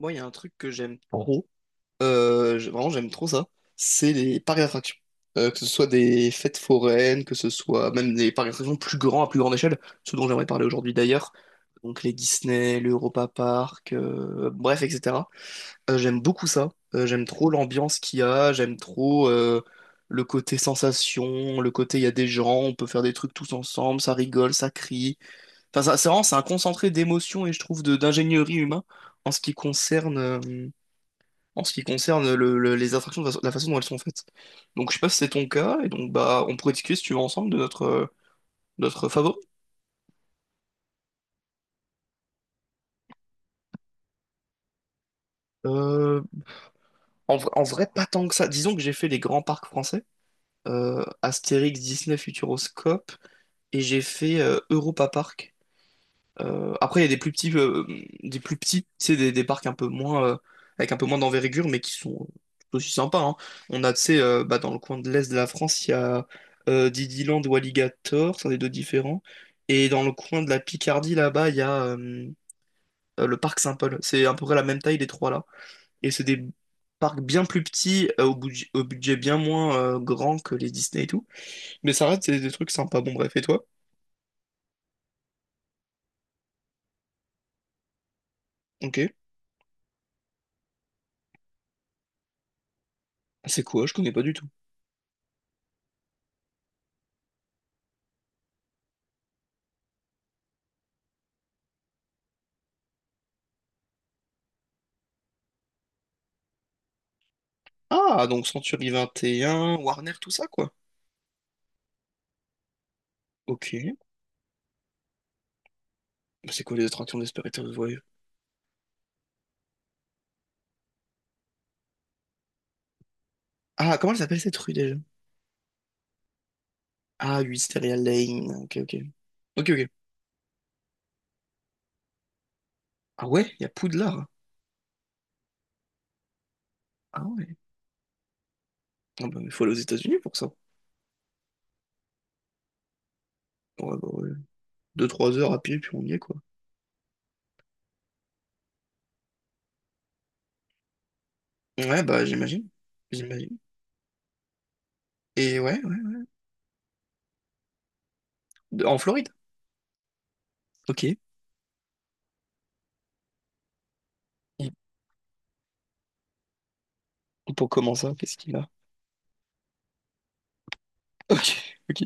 Moi, il y a un truc que j'aime trop, vraiment j'aime trop ça, c'est les parcs d'attractions. Que ce soit des fêtes foraines, que ce soit même des parcs d'attractions plus grands, à plus grande échelle, ce dont j'aimerais parler aujourd'hui d'ailleurs, donc les Disney, l'Europa Park, bref, etc. J'aime beaucoup ça, j'aime trop l'ambiance qu'il y a, j'aime trop le côté sensation, le côté il y a des gens, on peut faire des trucs tous ensemble, ça rigole, ça crie. Enfin, c'est vraiment, c'est un concentré d'émotions et je trouve de d'ingénierie humain en ce qui concerne... euh, en ce qui concerne les attractions, de la façon dont elles sont faites. Donc je sais pas si c'est ton cas, et donc bah on pourrait discuter si tu veux ensemble de notre favori. Euh, en vrai, pas tant que ça. Disons que j'ai fait les grands parcs français, Astérix, Disney, Futuroscope, et j'ai fait Europa Park. Après, il y a des plus petits, c'est des parcs un peu moins, avec un peu moins d'envergure, mais qui sont tout aussi sympas, hein. On a, tu sais, bah, dans le coin de l'est de la France, il y a Didyland ou Alligator, c'est des deux différents. Et dans le coin de la Picardie, là-bas, il y a le parc Saint-Paul. C'est à peu près la même taille, les trois là. Et c'est des parcs bien plus petits, au budget bien moins grand que les Disney et tout. Mais ça reste des trucs sympas. Bon, bref, et toi? Ok. C'est quoi? Je connais pas du tout. Ah, donc Century 21, Warner, tout ça, quoi. Ok. Bah, c'est quoi les attractions d'Esperitus Voyage? Ah, comment elle s'appelle cette rue déjà? Ah, Wisteria Lane. Ok, ok. Ok, ok. Ah ouais, il y a Poudlard. Ah ouais. Ah bah, il faut aller aux États-Unis pour ça. Ouais, bah, ouais. Deux, trois heures à pied, puis on y est, quoi. Ouais, bah, j'imagine. J'imagine. Et ouais, ouais. En Floride. Ok. Et pour comment ça, qu'est-ce qu'il a? Ok, ok.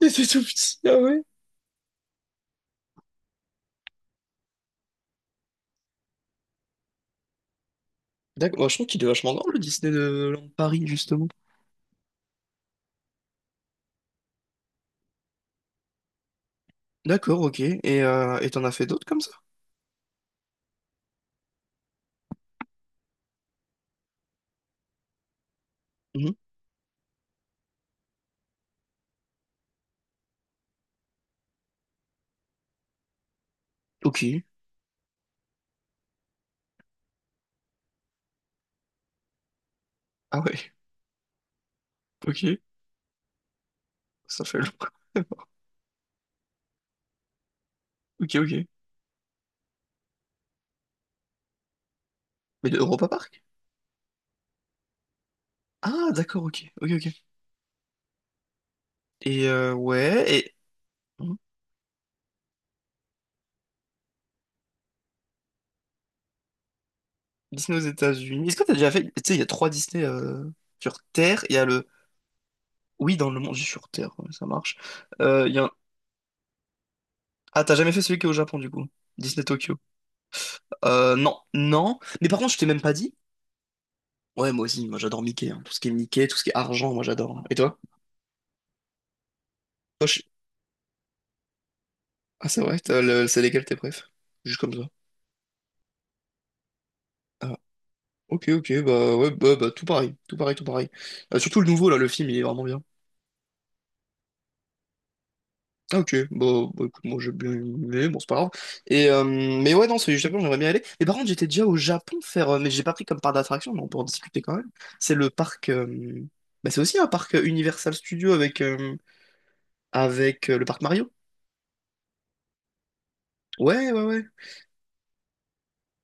Et c'est tout petit, ah ouais. D'accord, bah, je trouve qu'il est vachement grand, le Disneyland Paris, justement. D'accord, ok. Et t'en as fait d'autres comme ça? Mhm. Ok. Ah ouais, ok. Ça fait longtemps. Ok, ok. Mais de Europa Park? Ah, d'accord, ok. Ok, ok. Et ouais, Mhm. Disney aux États-Unis. Est-ce que t'as déjà fait. Tu sais, il y a trois Disney sur Terre. Il y a le. Oui, dans le monde, je sur Terre, ouais, ça marche. Il y a Ah, t'as jamais fait celui qui est au Japon, du coup? Disney Tokyo. Non, non. Mais par contre, je t'ai même pas dit. Ouais, moi aussi, moi j'adore Mickey, hein. Tout ce qui est Mickey, tout ce qui est argent, moi j'adore. Et toi? Toi, Ah, c'est vrai, c'est légal tes préf. Juste comme ça. Ah, ok, ok, bah ouais, bah, bah, tout pareil, tout pareil, tout pareil. Surtout le nouveau, là, le film, il est vraiment bien. Ah, ok, bah, bah, écoute, moi j'ai bien aimé, bon, c'est pas grave. Et, mais ouais, non, c'est du Japon, j'aimerais bien y aller. Mais par contre, j'étais déjà au Japon faire, mais j'ai pas pris comme parc d'attraction, mais on peut en discuter quand même. C'est le parc, bah, c'est aussi un parc Universal Studio avec le parc Mario. Ouais, ouais, ouais,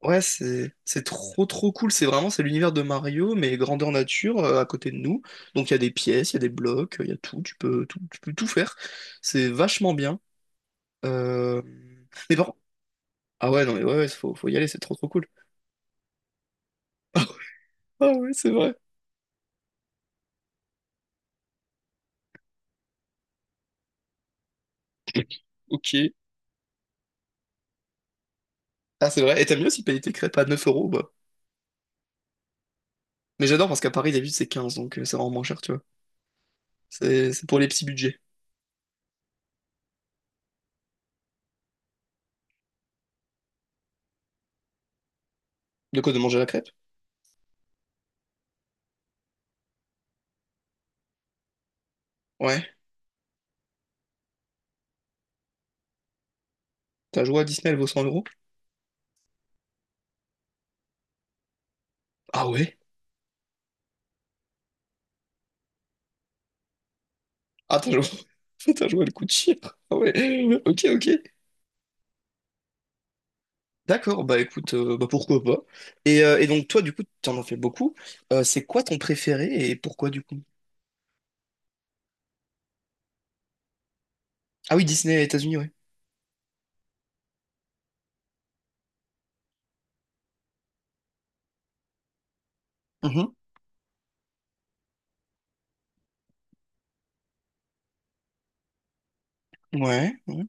ouais, c'est trop trop cool. C'est l'univers de Mario, mais grandeur nature à côté de nous. Donc il y a des pièces, il y a des blocs, il y a tout. Tu peux tout faire. C'est vachement bien. Euh... Mais bon. Ah ouais, non mais ouais, ouais, faut y aller. C'est trop trop cool. Ah ouais, c'est vrai. Ok. Ah c'est vrai. Et t'aimes mieux aussi payer tes crêpes à 9 euros, bah. Mais j'adore parce qu'à Paris d'habitude c'est 15 donc c'est vraiment moins cher, tu vois. C'est pour les petits budgets. De quoi de manger la crêpe? Ouais. T'as joué à Disney, elle vaut 100 euros? Ah ouais? Ah, t'as joué... t'as joué le coup de chire. Ah ouais. Ok, ok. D'accord, bah écoute, bah pourquoi pas. Et donc toi, du coup, t'en as fait beaucoup. C'est quoi ton préféré et pourquoi du coup? Ah oui, Disney États-Unis, ouais. Mhm. Ouais, ouais.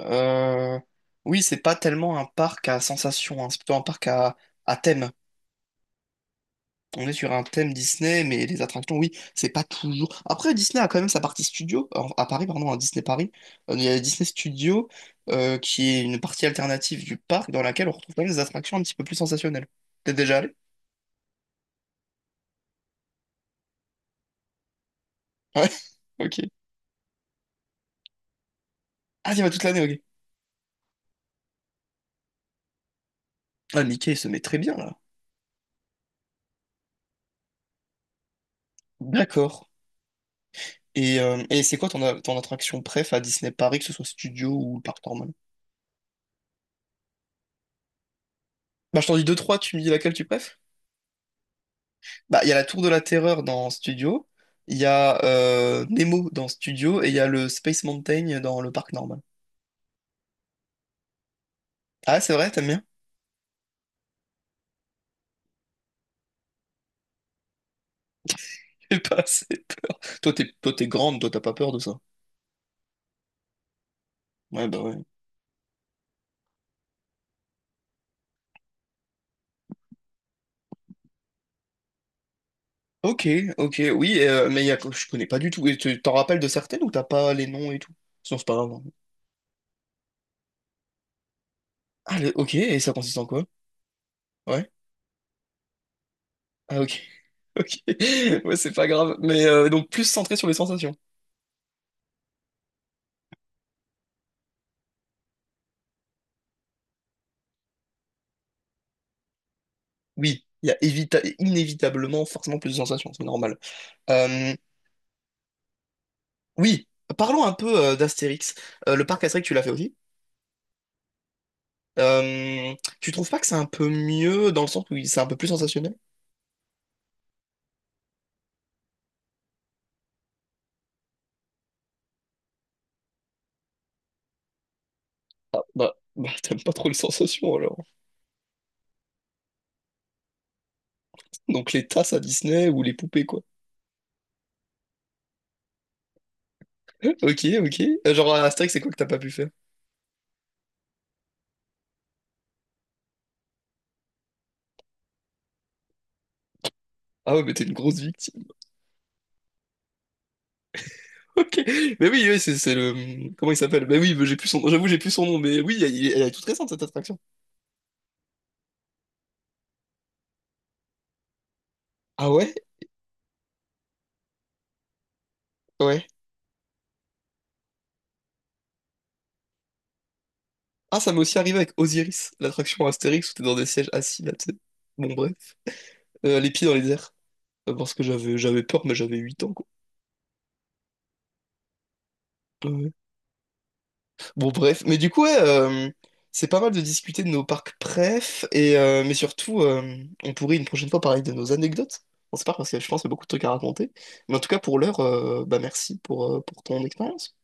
Euh, Oui, c'est pas tellement un parc à sensation, hein. C'est plutôt un parc à thème. On est sur un thème Disney, mais les attractions, oui, c'est pas toujours. Après, Disney a quand même sa partie studio, à Paris, pardon, à Disney Paris. Il y a Disney Studio, qui est une partie alternative du parc dans laquelle on retrouve quand même des attractions un petit peu plus sensationnelles. T'es déjà allé? Ouais, ok. Ah, t'y vas toute l'année, ok. Ah, Mickey, il se met très bien là. D'accord. Et c'est quoi ton attraction préf à Disney Paris, que ce soit studio ou le parc normal? Bah, je t'en dis deux, trois, tu me dis laquelle tu préfères? Bah, il y a la Tour de la Terreur dans Studio, il y a Nemo dans Studio et il y a le Space Mountain dans le parc normal. Ah, c'est vrai, t'aimes bien? J'ai pas assez peur. Toi, t'es grande, toi, t'as pas peur de ça. Ouais, bah ouais. Ok, ok, oui, mais je connais pas du tout. Et tu t'en rappelles de certaines ou t'as pas les noms et tout? Sinon, c'est pas grave, hein. Ah, ok, et ça consiste en quoi? Ouais. Ah, ok. Ok. Ouais, c'est pas grave. Mais donc, plus centré sur les sensations. Oui, il y a inévitablement forcément plus de sensations, c'est normal. Euh, Oui, parlons un peu d'Astérix. Le parc Astérix, tu l'as fait aussi. Euh, tu trouves pas que c'est un peu mieux dans le sens où c'est un peu plus sensationnel? Ah, bah, bah, t'aimes pas trop les sensations alors. Donc les tasses à Disney ou les poupées quoi. Ok, ok. Genre à Astérix, c'est quoi que t'as pas pu faire? Ah ouais, mais t'es une grosse victime. Ok. Mais oui, oui, c'est le. Comment il s'appelle? Mais oui, mais j'ai plus son nom. J'avoue, j'ai plus son nom. Mais oui, elle est toute récente cette attraction. Ah ouais? Ouais. Ah, ça m'est aussi arrivé avec Osiris, l'attraction Astérix où t'es dans des sièges assis là, tu sais. Bon, bref. Les pieds dans les airs. Parce que j'avais peur, mais j'avais 8 ans, quoi. Ouais, ouais. Bon, bref. Mais du coup, ouais, c'est pas mal de discuter de nos parcs préf, et, mais surtout, on pourrait une prochaine fois parler de nos anecdotes. On sait pas, parce que je pense qu'il y a beaucoup de trucs à raconter. Mais en tout cas, pour l'heure, bah, merci pour ton expérience.